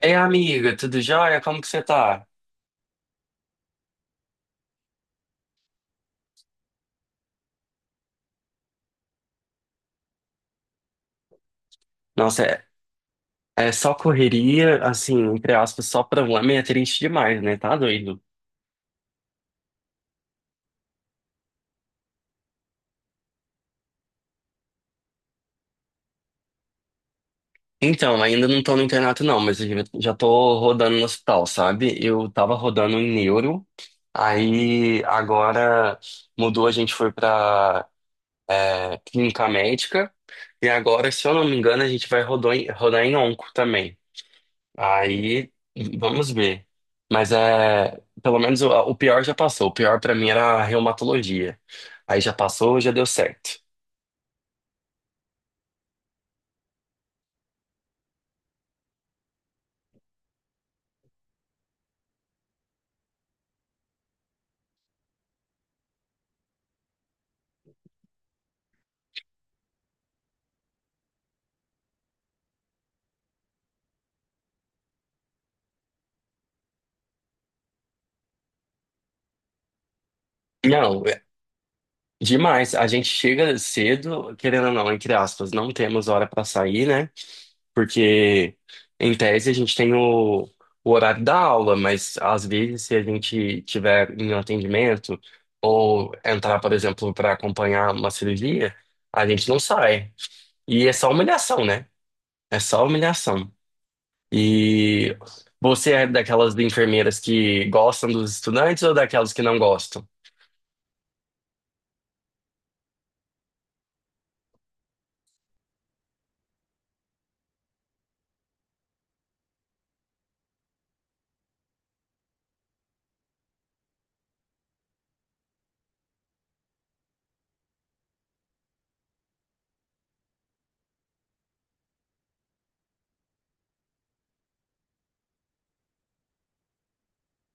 Ei, amiga, tudo jóia? Como que você tá? Nossa, é, é só correria, assim, entre aspas, só problema e é triste demais, né? Tá doido. Então, ainda não tô no internato não, mas eu já tô rodando no hospital, sabe? Eu tava rodando em neuro, aí agora mudou, a gente foi pra clínica médica, e agora, se eu não me engano, a gente vai rodar em onco também. Aí, vamos ver. Mas é, pelo menos o pior já passou. O pior pra mim era a reumatologia. Aí já passou, já deu certo. Não, é demais. A gente chega cedo, querendo ou não, entre aspas, não temos hora pra sair, né? Porque em tese a gente tem o horário da aula, mas às vezes se a gente tiver em um atendimento ou entrar, por exemplo, pra acompanhar uma cirurgia, a gente não sai. E é só humilhação, né? É só humilhação. E você é daquelas enfermeiras que gostam dos estudantes ou daquelas que não gostam?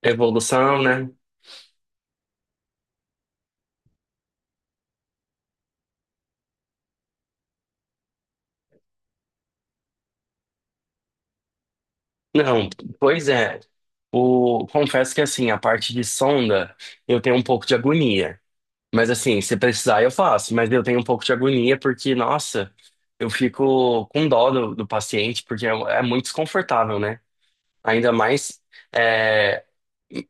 Evolução, né? Não, pois é. O, confesso que assim, a parte de sonda, eu tenho um pouco de agonia. Mas assim, se precisar, eu faço. Mas eu tenho um pouco de agonia porque, nossa, eu fico com dó do paciente, porque é muito desconfortável, né? Ainda mais, é,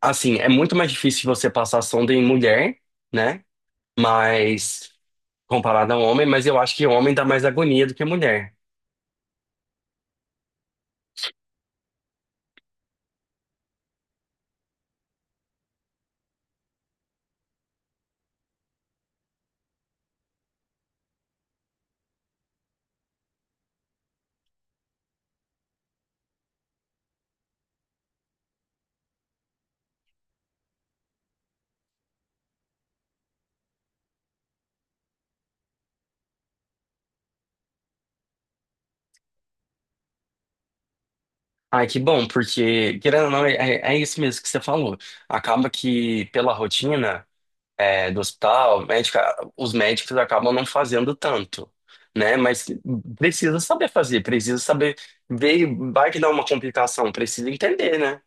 é muito mais difícil você passar sonda em mulher, né? Mas comparado a um homem, mas eu acho que o homem dá mais agonia do que a mulher. Ai, que bom, porque, querendo ou não, é isso mesmo que você falou. Acaba que, pela rotina, do hospital, médica, os médicos acabam não fazendo tanto, né? Mas precisa saber fazer, precisa saber ver, vai que dá uma complicação, precisa entender, né?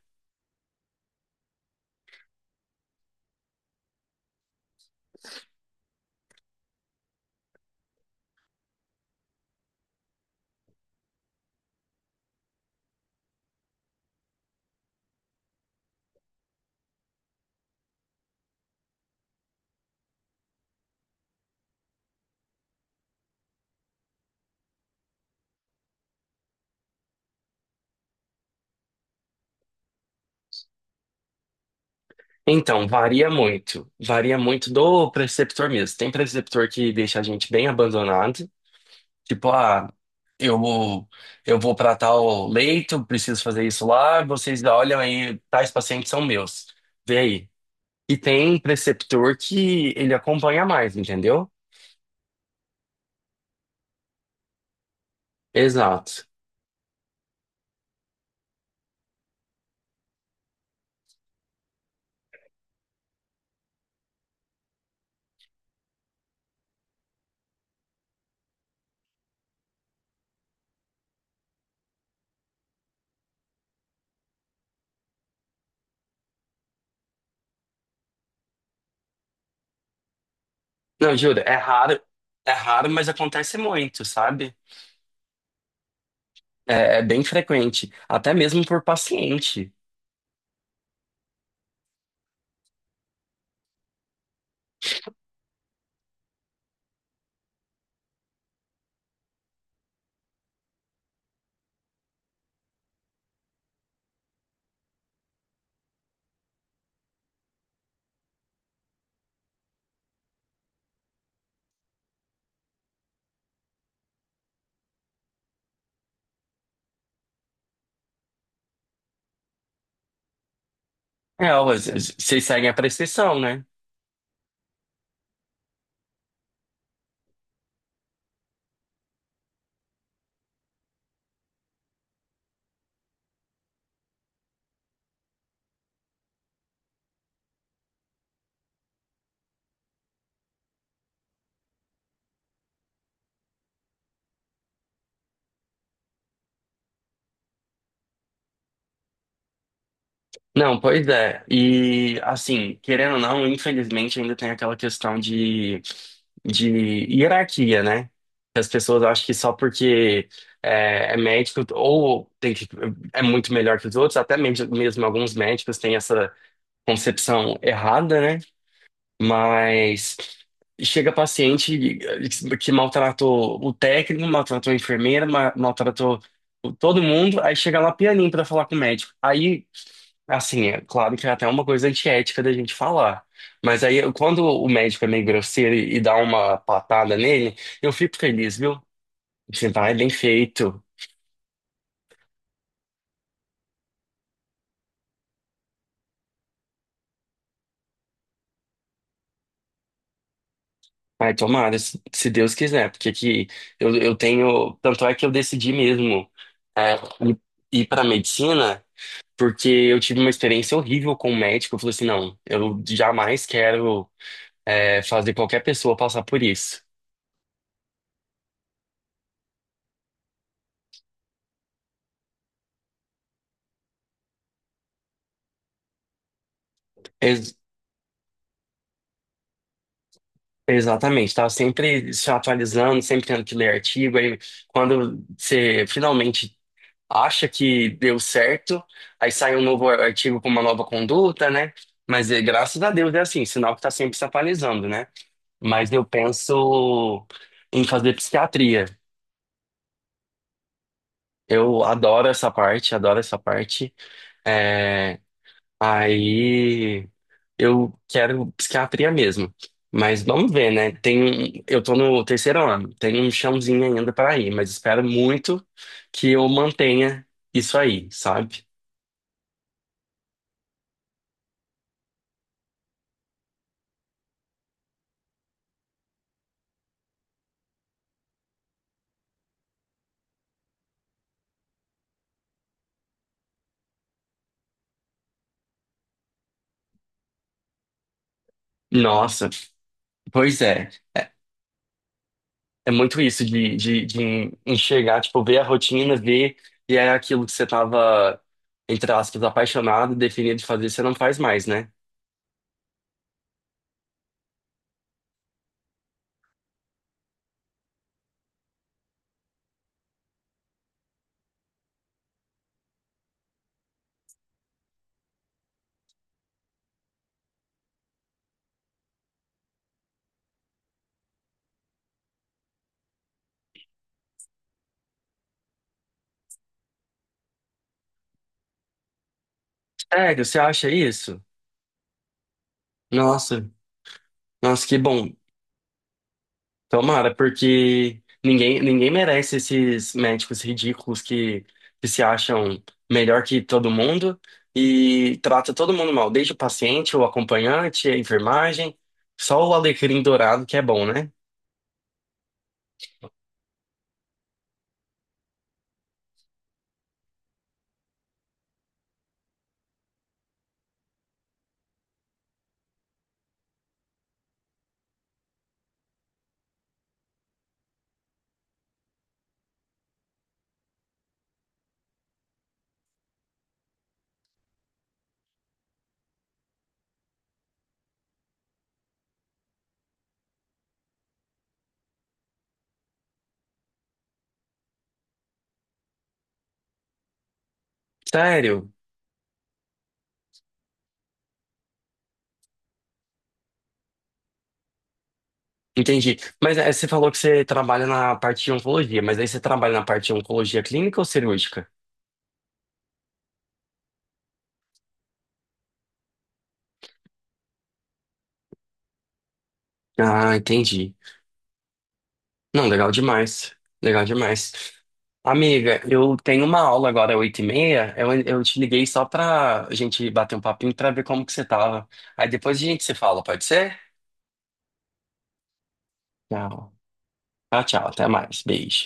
Então, varia muito. Varia muito do preceptor mesmo. Tem preceptor que deixa a gente bem abandonado. Tipo, ah, Eu vou, eu vou para tal leito, preciso fazer isso lá. Vocês olham aí, tais pacientes são meus. Vê aí. E tem preceptor que ele acompanha mais, entendeu? Exato. Não, juro, é raro, mas acontece muito, sabe? É, é bem frequente, até mesmo por paciente. É, ó, vocês seguem a prescrição, né? Não, pois é. E assim, querendo ou não, infelizmente ainda tem aquela questão de hierarquia, né? Que as pessoas acham que só porque é médico ou tem que, é muito melhor que os outros, até mesmo, mesmo alguns médicos têm essa concepção errada, né? Mas chega paciente que maltratou o técnico, maltratou a enfermeira, maltratou todo mundo, aí chega lá pianinho pra falar com o médico. Aí assim, é claro que é até uma coisa antiética da gente falar. Mas aí, quando o médico é meio grosseiro e dá uma patada nele, eu fico feliz, viu? Assim, vai, bem feito. Vai, tomara, se Deus quiser. Porque aqui eu tenho. Tanto é que eu decidi mesmo é, ir, ir para medicina, porque eu tive uma experiência horrível com o médico. Eu falei assim: não, eu jamais quero fazer qualquer pessoa passar por isso. Exatamente, estava sempre se atualizando, sempre tendo que ler artigo. Aí, quando você finalmente acha que deu certo, aí sai um novo artigo com uma nova conduta, né? Mas graças a Deus é assim, sinal que está sempre se atualizando, né? Mas eu penso em fazer psiquiatria. Eu adoro essa parte, adoro essa parte. Eh, Aí eu quero psiquiatria mesmo. Mas vamos ver, né? Eu tô no 3º ano, tem um chãozinho ainda para ir, mas espero muito que eu mantenha isso aí, sabe? Nossa, pois é. É, é muito isso de enxergar, tipo, ver a rotina, ver, e é aquilo que você tava, entre aspas, apaixonado, definido de fazer, você não faz mais, né? Sério, você acha isso? Nossa, nossa, que bom. Tomara, porque ninguém, ninguém merece esses médicos ridículos que se acham melhor que todo mundo e trata todo mundo mal, desde o paciente, o acompanhante, a enfermagem, só o alecrim dourado que é bom, né? Sério? Entendi. Mas é, você falou que você trabalha na parte de oncologia, mas aí você trabalha na parte de oncologia clínica ou cirúrgica? Ah, entendi. Não, legal demais. Legal demais. Amiga, eu tenho uma aula agora, 8h30. Eu te liguei só pra gente bater um papinho pra ver como que você tava. Aí depois a gente se fala, pode ser? Tchau. Tchau, tchau. Até mais. Beijo.